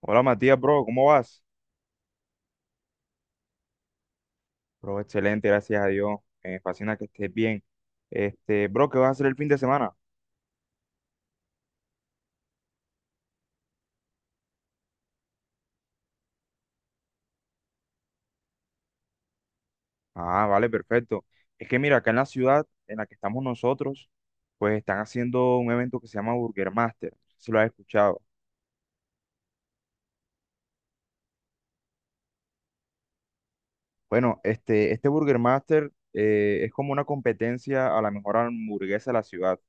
Hola Matías, bro, ¿cómo vas? Bro, excelente, gracias a Dios. Me fascina que estés bien. Bro, ¿qué vas a hacer el fin de semana? Ah, vale, perfecto. Es que mira, acá en la ciudad en la que estamos nosotros, pues están haciendo un evento que se llama Burger Master. No sé si lo has escuchado. Bueno, este Burger Master es como una competencia a la mejor hamburguesa de la ciudad.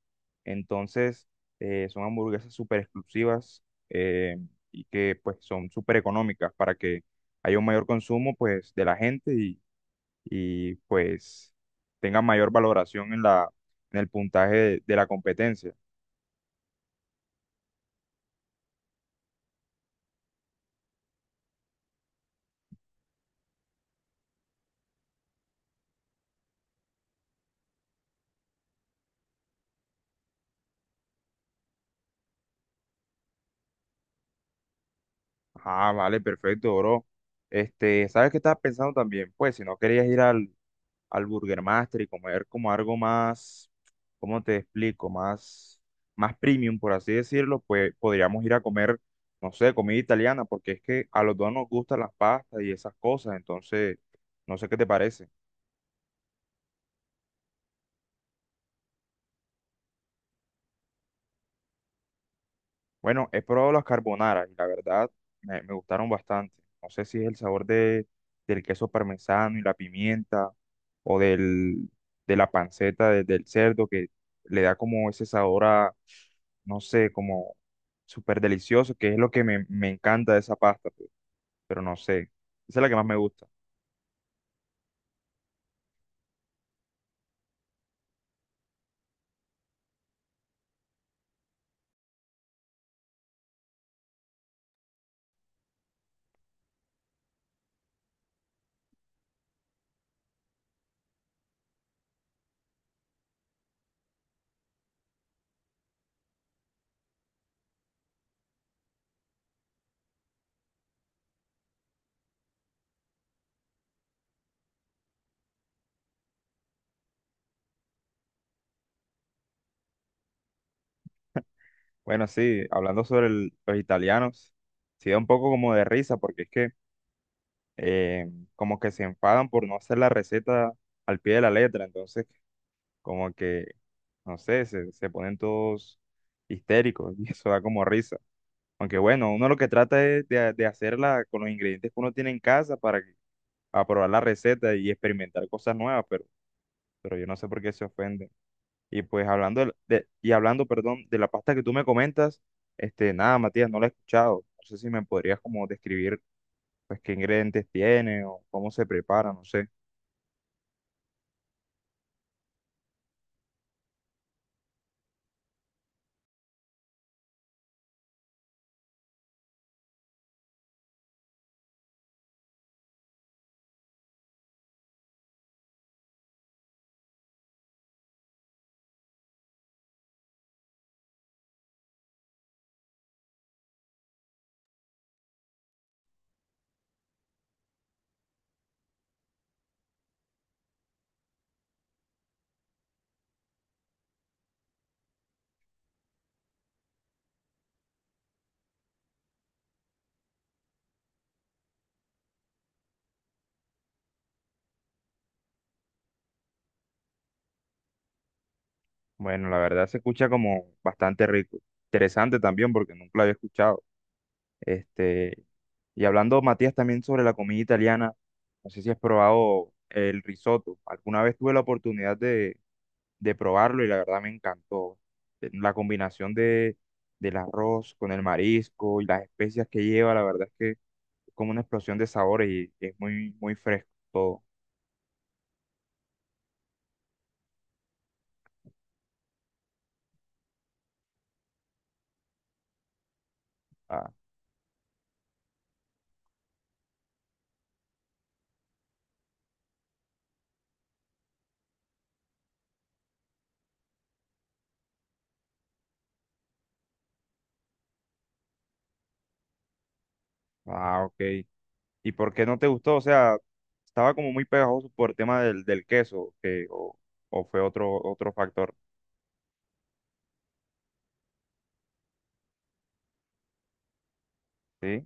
Entonces, son hamburguesas súper exclusivas eh, y que pues son súper económicas para que haya un mayor consumo pues de la gente y pues tengan mayor valoración en en el puntaje de la competencia. Ah, vale, perfecto, bro. Este, ¿sabes qué estaba pensando también? Pues si no querías ir al Burger Master y comer como algo más, ¿cómo te explico? Más, más premium, por así decirlo, pues podríamos ir a comer, no sé, comida italiana, porque es que a los dos nos gustan las pastas y esas cosas, entonces, no sé qué te parece. Bueno, he probado las carbonara y la verdad me gustaron bastante. No sé si es el sabor de, del queso parmesano y la pimienta o del, de la panceta del cerdo que le da como ese sabor a, no sé, como súper delicioso, que es lo que me encanta de esa pasta, pues, pero no sé. Esa es la que más me gusta. Bueno, sí, hablando sobre los italianos, sí da un poco como de risa porque es que eh, como que se enfadan por no hacer la receta al pie de la letra. Entonces, como que, no sé, se ponen todos histéricos y eso da como risa. Aunque bueno, uno lo que trata es de hacerla con los ingredientes que uno tiene en casa para que aprobar la receta y experimentar cosas nuevas, pero yo no sé por qué se ofenden. Y pues hablando y hablando, perdón, de la pasta que tú me comentas, este, nada, Matías, no la he escuchado. No sé si me podrías como describir pues qué ingredientes tiene o cómo se prepara, no sé. Bueno, la verdad se escucha como bastante rico. Interesante también porque nunca lo había escuchado. Este, y hablando, Matías, también sobre la comida italiana, no sé si has probado el risotto. Alguna vez tuve la oportunidad de probarlo y la verdad me encantó. La combinación de, del arroz con el marisco y las especias que lleva, la verdad es que es como una explosión de sabores y es muy, muy fresco todo. Ah, ah, ok. ¿Y por qué no te gustó? O sea, estaba como muy pegajoso por el tema del, del queso, que, o fue otro, otro factor, ¿sí?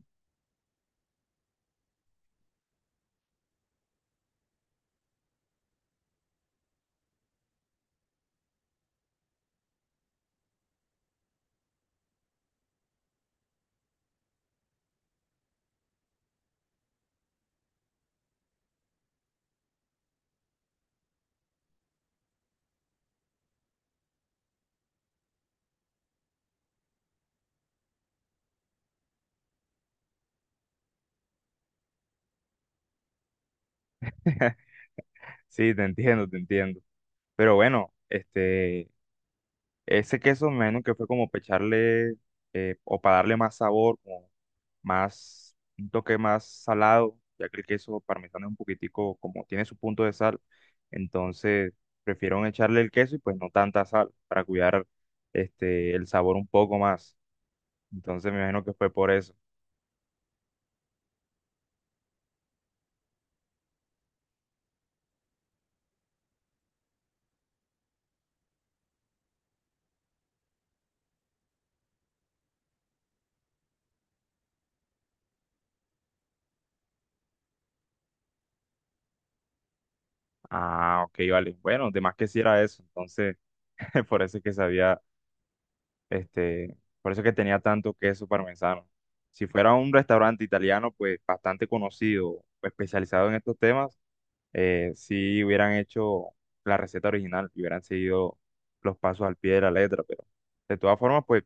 Sí, te entiendo, te entiendo. Pero bueno, este, ese queso me imagino que fue como para echarle o para darle más sabor, como más, un toque más salado, ya que el queso parmesano es un poquitico, como tiene su punto de sal, entonces prefiero echarle el queso y pues no tanta sal para cuidar este, el sabor un poco más. Entonces me imagino que fue por eso. Ah, ok, vale. Bueno, de más que sí era eso, entonces por eso es que sabía. Este, por eso que tenía tanto queso parmesano. Si fuera un restaurante italiano, pues bastante conocido, especializado en estos temas, sí hubieran hecho la receta original y hubieran seguido los pasos al pie de la letra, pero de todas formas, pues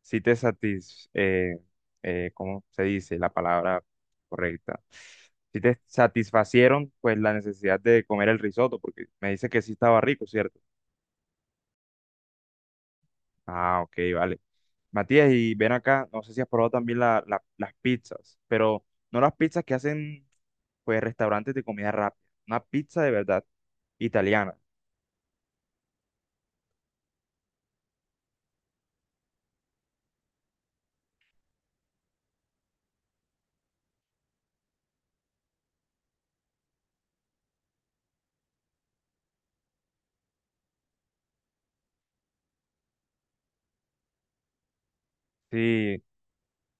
sí te ¿cómo se dice la palabra correcta? Si te satisfacieron, pues la necesidad de comer el risotto, porque me dice que sí estaba rico, ¿cierto? Ah, ok, vale. Matías, y ven acá, no sé si has probado también las pizzas, pero no las pizzas que hacen pues restaurantes de comida rápida, una pizza de verdad italiana. Sí,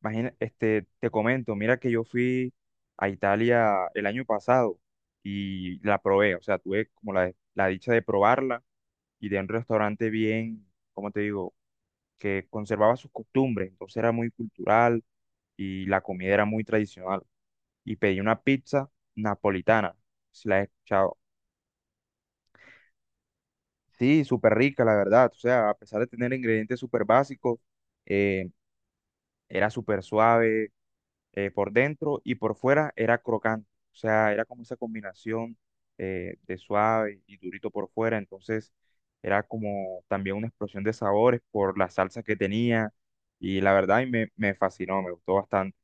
imagina, este, te comento, mira que yo fui a Italia el año pasado y la probé, o sea, tuve como la dicha de probarla y de un restaurante bien, ¿cómo te digo? Que conservaba sus costumbres, entonces era muy cultural y la comida era muy tradicional. Y pedí una pizza napolitana. Si la he escuchado. Sí, súper rica, la verdad. O sea, a pesar de tener ingredientes súper básicos, eh, era súper suave por dentro y por fuera era crocante. O sea, era como esa combinación de suave y durito por fuera. Entonces, era como también una explosión de sabores por la salsa que tenía. Y la verdad, y me fascinó, me gustó bastante.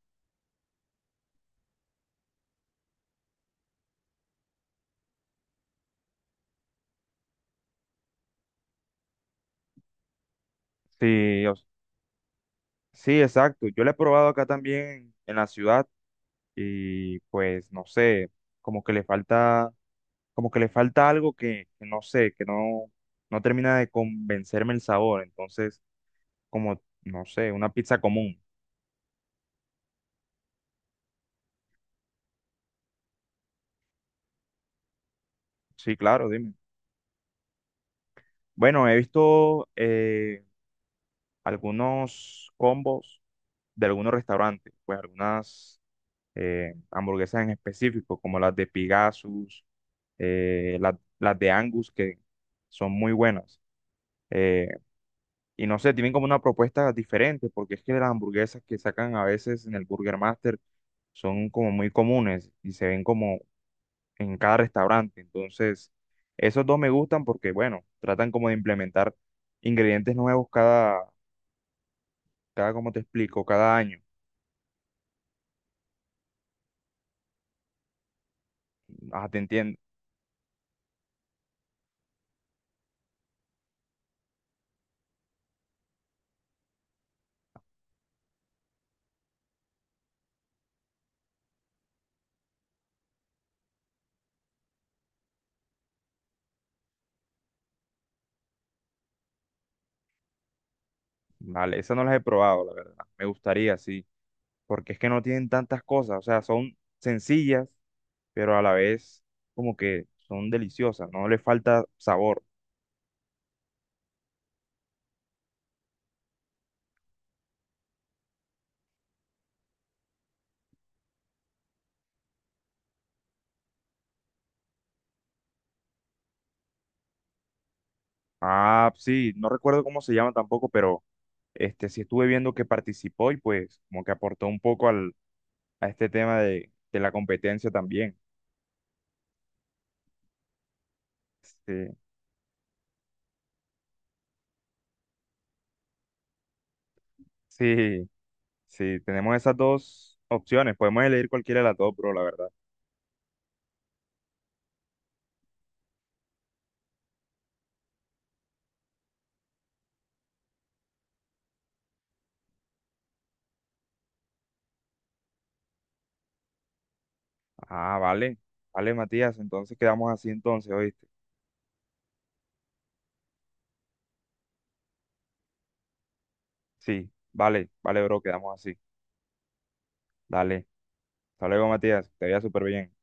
Sí, o- sí, exacto. Yo la he probado acá también en la ciudad y pues no sé, como que le falta, como que le falta algo que no sé, que no, no termina de convencerme el sabor, entonces como, no sé, una pizza común. Sí, claro, dime. Bueno, he visto algunos combos de algunos restaurantes, pues algunas hamburguesas en específico, como las de Pegasus, las de Angus, que son muy buenas. Eh, Y no sé, tienen como una propuesta diferente, porque es que las hamburguesas que sacan a veces en el Burger Master son como muy comunes y se ven como en cada restaurante. Entonces, esos dos me gustan porque, bueno, tratan como de implementar ingredientes nuevos como te explico, cada año. Ah, te entiendo. Vale, esas no las he probado, la verdad. Me gustaría, sí, porque es que no tienen tantas cosas, o sea, son sencillas, pero a la vez como que son deliciosas, no le falta sabor. Ah, sí, no recuerdo cómo se llama tampoco, pero este sí estuve viendo que participó y pues como que aportó un poco a este tema de la competencia también. Sí, sí, sí, tenemos esas dos opciones, podemos elegir cualquiera de las dos, bro, la verdad. Ah, vale, vale, Matías, entonces quedamos así entonces, ¿oíste? Sí, vale, vale, bro, quedamos así. Dale, hasta luego, Matías, que te vea súper bien.